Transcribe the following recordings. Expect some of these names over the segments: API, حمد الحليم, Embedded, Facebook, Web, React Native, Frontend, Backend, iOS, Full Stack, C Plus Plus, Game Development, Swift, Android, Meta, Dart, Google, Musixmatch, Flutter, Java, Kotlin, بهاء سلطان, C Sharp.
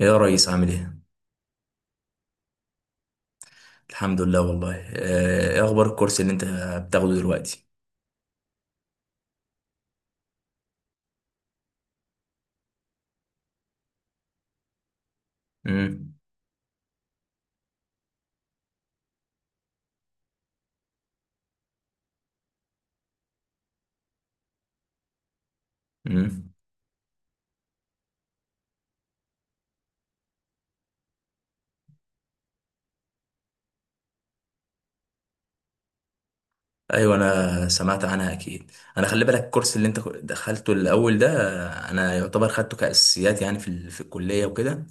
إيه يا ريس عامل ايه؟ الحمد لله والله، ايه اخبار الكورس اللي انت بتاخده دلوقتي؟ امم، امم. ايوه، انا سمعت عنها اكيد. انا خلي بالك الكورس اللي انت دخلته الاول ده، انا يعتبر خدته كاساسيات يعني في الكليه وكده.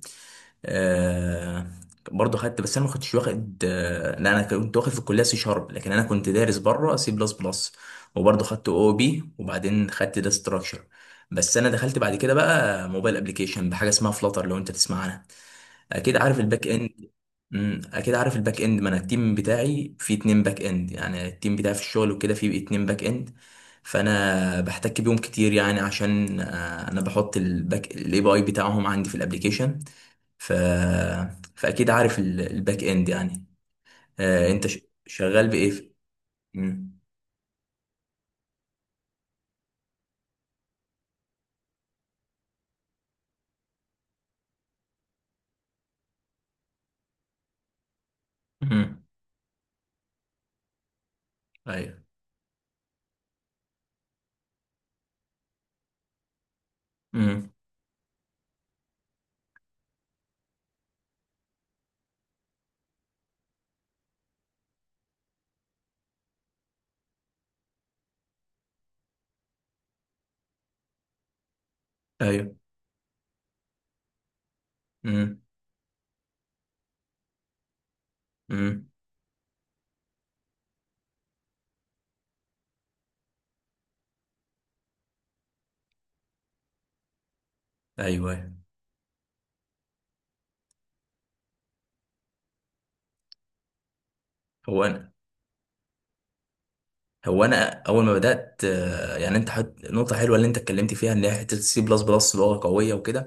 آه. برضه خدت، بس انا ما كنتش واخد، لا، انا كنت واخد في الكليه سي شارب، لكن انا كنت دارس بره سي بلس بلس، وبرضه خدت او بي، وبعدين خدت ده ستراكشر. بس انا دخلت بعد كده بقى موبايل ابلكيشن بحاجه اسمها فلاتر، لو انت تسمع عنها اكيد عارف الباك اند. اكيد عارف الباك اند، ما انا التيم بتاعي فيه اتنين باك اند، يعني التيم بتاعي في الشغل وكده فيه اتنين باك اند، فانا بحتك بيهم كتير يعني عشان، انا بحط الباك الاي بي اي بتاعهم عندي في الابليكيشن. ف فاكيد عارف ال- الباك اند يعني. انت ش- شغال بايه امم. امم. ايوه. امم. ايوه. امم. امم. ايوه. أيوة. هو انا هو انا اول ما بدات، يعني انت حط نقطه حلوه اللي انت اتكلمت فيها، ان هي حته السي بلس بلس لغه قويه وكده.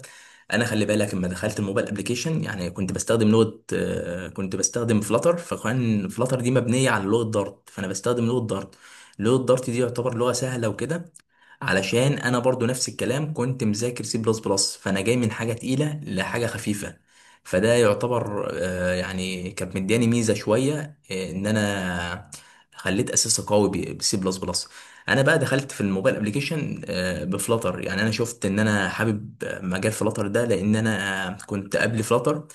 انا خلي بالك لما دخلت الموبايل ابلكيشن يعني كنت بستخدم فلاتر، فكان فلاتر دي مبنيه على لغه دارت، فانا بستخدم لغه دارت. لغه دارت دي يعتبر لغه سهله وكده، علشان انا برضو نفس الكلام كنت مذاكر سي بلس بلس، فانا جاي من حاجه تقيله لحاجه خفيفه، فده يعتبر، يعني كانت مدياني ميزه شويه، ان انا خليت اساسي قوي بسي بلس بلس. انا بقى دخلت في الموبايل ابلكيشن بفلاتر، يعني انا شفت ان انا حابب مجال فلاتر ده، لان انا كنت قبل فلاتر،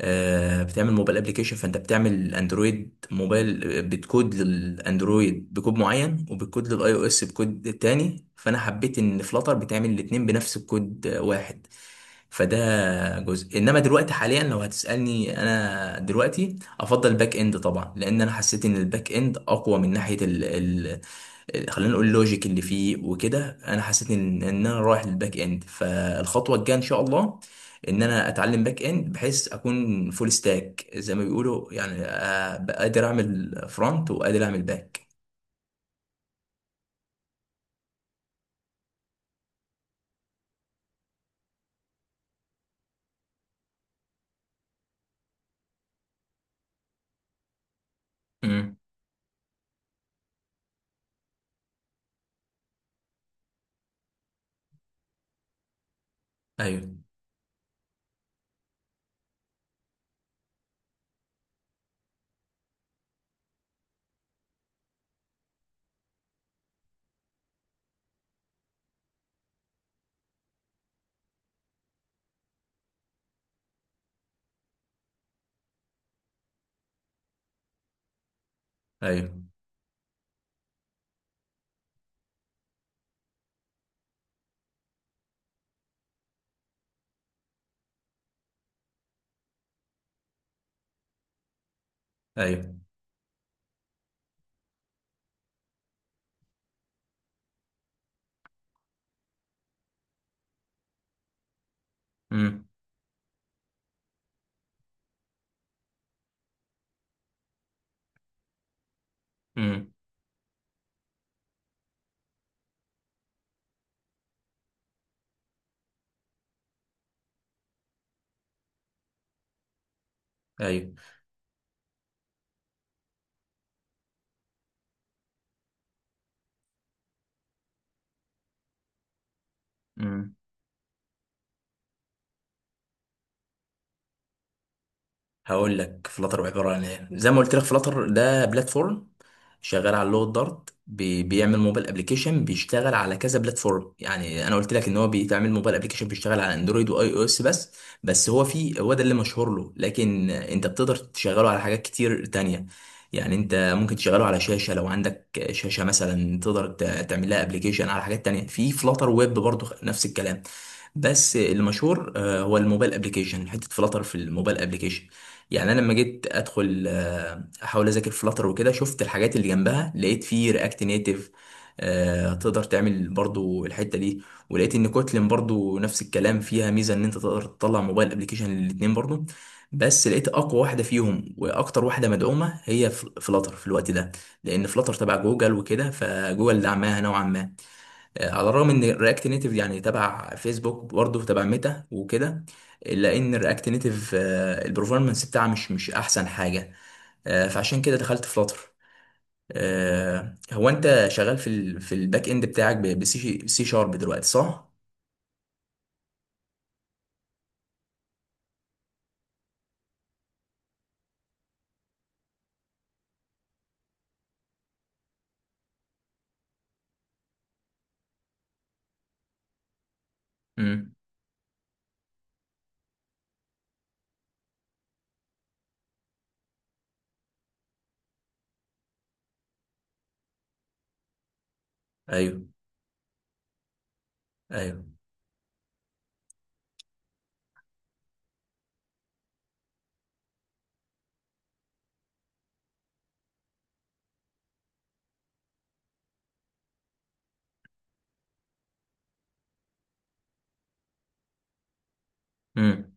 بتعمل موبايل ابلكيشن، فانت بتعمل اندرويد موبايل، بتكود للاندرويد بكود معين، وبتكود للاي او اس بكود تاني، فانا حبيت ان فلاتر بتعمل الاتنين بنفس الكود واحد. فده جزء. انما دلوقتي حاليا لو هتسالني، انا دلوقتي افضل باك اند طبعا، لان انا حسيت ان الباك اند اقوى من ناحيه، خلينا نقول اللوجيك اللي فيه وكده. انا حسيت ان انا رايح للباك اند، فالخطوه الجايه ان شاء الله ان انا اتعلم باك اند، بحيث اكون فول ستاك زي ما بيقولوا، يعني أبقى قادر اعمل فرونت وقادر اعمل باك. امم. ايوه. ايوه. ايوه. امم. امم. ايوه. هقول لك فلاتر عباره عن ايه. زي ما قلت لك، فلاتر ده بلاتفورم شغال على لغه دارت، بي- بيعمل موبايل ابلكيشن بيشتغل على كذا بلاتفورم. يعني انا قلت لك ان هو بيتعمل موبايل ابلكيشن بيشتغل على اندرويد واي او اس بس. بس هو، في، هو ده اللي مشهور له، لكن انت بتقدر تشغله على حاجات كتير تانية. يعني انت ممكن تشغله على شاشه، لو عندك شاشه مثلا تقدر ت- تعمل لها ابلكيشن، على حاجات تانية في فلاتر ويب برضو نفس الكلام. بس المشهور، هو الموبايل ابلكيشن، حته فلاتر في الموبايل ابلكيشن. يعني انا لما جيت ادخل، احاول اذاكر فلاتر وكده، شفت الحاجات اللي جنبها، لقيت فيه رياكت نيتف تقدر تعمل برضو الحته دي، ولقيت ان كوتلين برضو نفس الكلام فيها ميزه ان انت تقدر تطلع موبايل ابلكيشن للاتنين برضو. بس لقيت اقوى واحده فيهم واكتر واحده مدعومه هي فلاتر في الوقت ده، لان فلاتر تبع جوجل وكده، فجوجل دعمها نوعا ما. على الرغم ان رياكت نيتيف يعني تبع فيسبوك، برضه تبع ميتا وكده، الا ان رياكت نيتيف البرفورمانس بتاعها مش احسن حاجه، فعشان كده دخلت فلاتر. هو انت شغال في ال في الباك اند بتاعك، سي شارب دلوقتي، صح؟ امم. ايوه. ايوه. امم.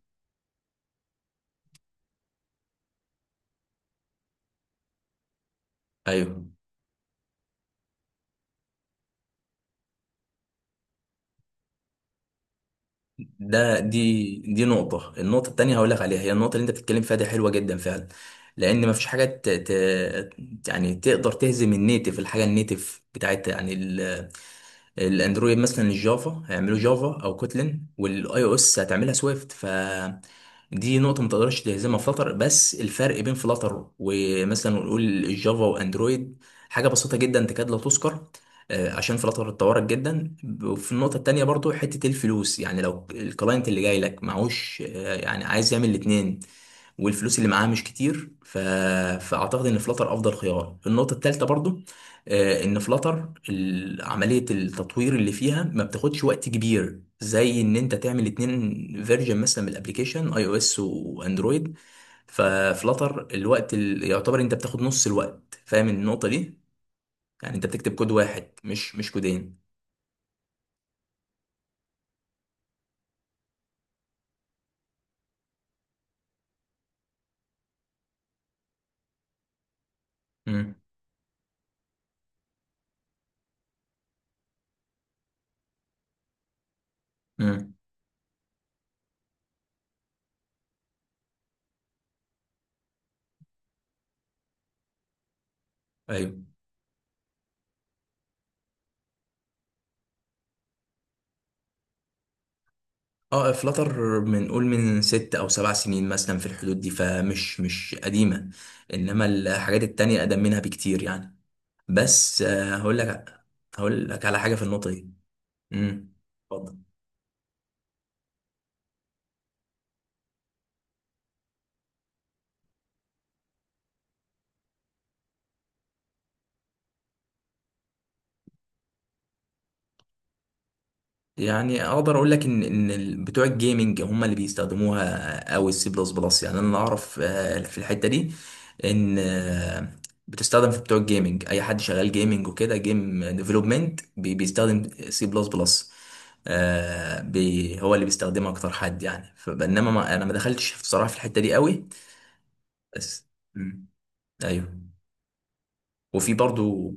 ايوه. ده دي دي نقطه النقطه التانيه هقول لك عليها. هي النقطه اللي انت بتتكلم فيها دي حلوه جدا فعلا، لان مفيش حاجه يعني تقدر تهزم النيتف، الحاجه النيتف بتاعت يعني الاندرويد مثلا الجافا، هيعملوا جافا او كوتلين، والاي او اس هتعملها سويفت. ف دي نقطة ما تقدرش تهزمها فلتر، بس الفرق بين فلتر ومثلا نقول الجافا واندرويد حاجة بسيطة جدا تكاد لا تذكر، عشان فلتر اتطورت جدا. وفي النقطة التانية برضو حتة الفلوس، يعني لو الكلاينت اللي جاي لك معهوش، يعني عايز يعمل الاتنين والفلوس اللي معاه مش كتير، فأعتقد إن فلتر أفضل خيار. النقطة التالتة برضو، ان فلاتر عمليه التطوير اللي فيها ما بتاخدش وقت كبير، زي ان انت تعمل اتنين فيرجن مثلا من الابليكيشن، اي او اس واندرويد. ففلاتر الوقت اللي يعتبر انت بتاخد نص الوقت، فاهم النقطه دي، يعني انت بتكتب كود واحد مش كودين. امم. امم. ايوه. اه فلاتر من قول من 6 أو 7 سنين مثلا، في الحدود دي، فمش مش قديمه، انما الحاجات التانية اقدم منها بكتير يعني. بس، هقول لك على حاجه في النقطه دي. امم. اتفضل. يعني اقدر اقول لك ان بتوع الجيمنج هم اللي بيستخدموها او السي بلس بلس، يعني انا اعرف، في الحته دي ان، بتستخدم في بتوع الجيمنج. اي حد شغال جيمنج وكده، جيم ديفلوبمنت بيستخدم سي بلس بلس، هو اللي بيستخدمها اكتر حد يعني، فبينما ما انا ما دخلتش بصراحه في الحته دي قوي. بس. مم. ايوه. وفي برضو.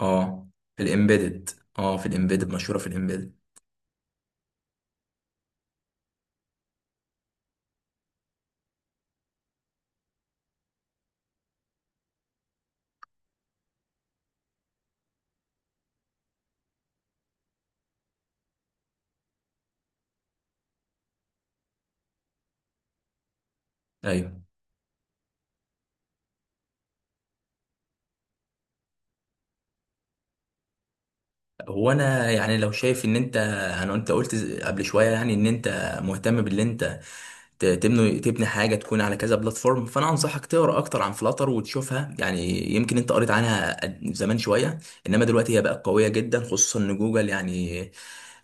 اه، في الامبيدد. اه، في الامبيدد مشهوره، في الامبيدد. ايوه. هو انا يعني لو شايف ان انت، انا، انت قلت قبل شويه، يعني ان انت مهتم باللي انت تبني حاجه تكون على كذا بلاتفورم، فانا انصحك تقرا اكتر عن فلاتر وتشوفها. يعني يمكن انت قريت عنها زمان شويه، انما دلوقتي هي بقت قويه جدا، خصوصا ان جوجل يعني،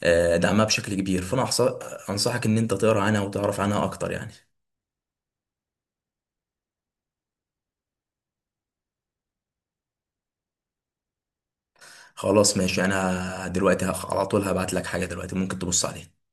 دعمها بشكل كبير. فانا انصحك ان انت تقرا عنها وتعرف عنها اكتر يعني. خلاص ماشي، انا دلوقتي على طول هبعت لك حاجه دلوقتي، ممكن تبص عليها.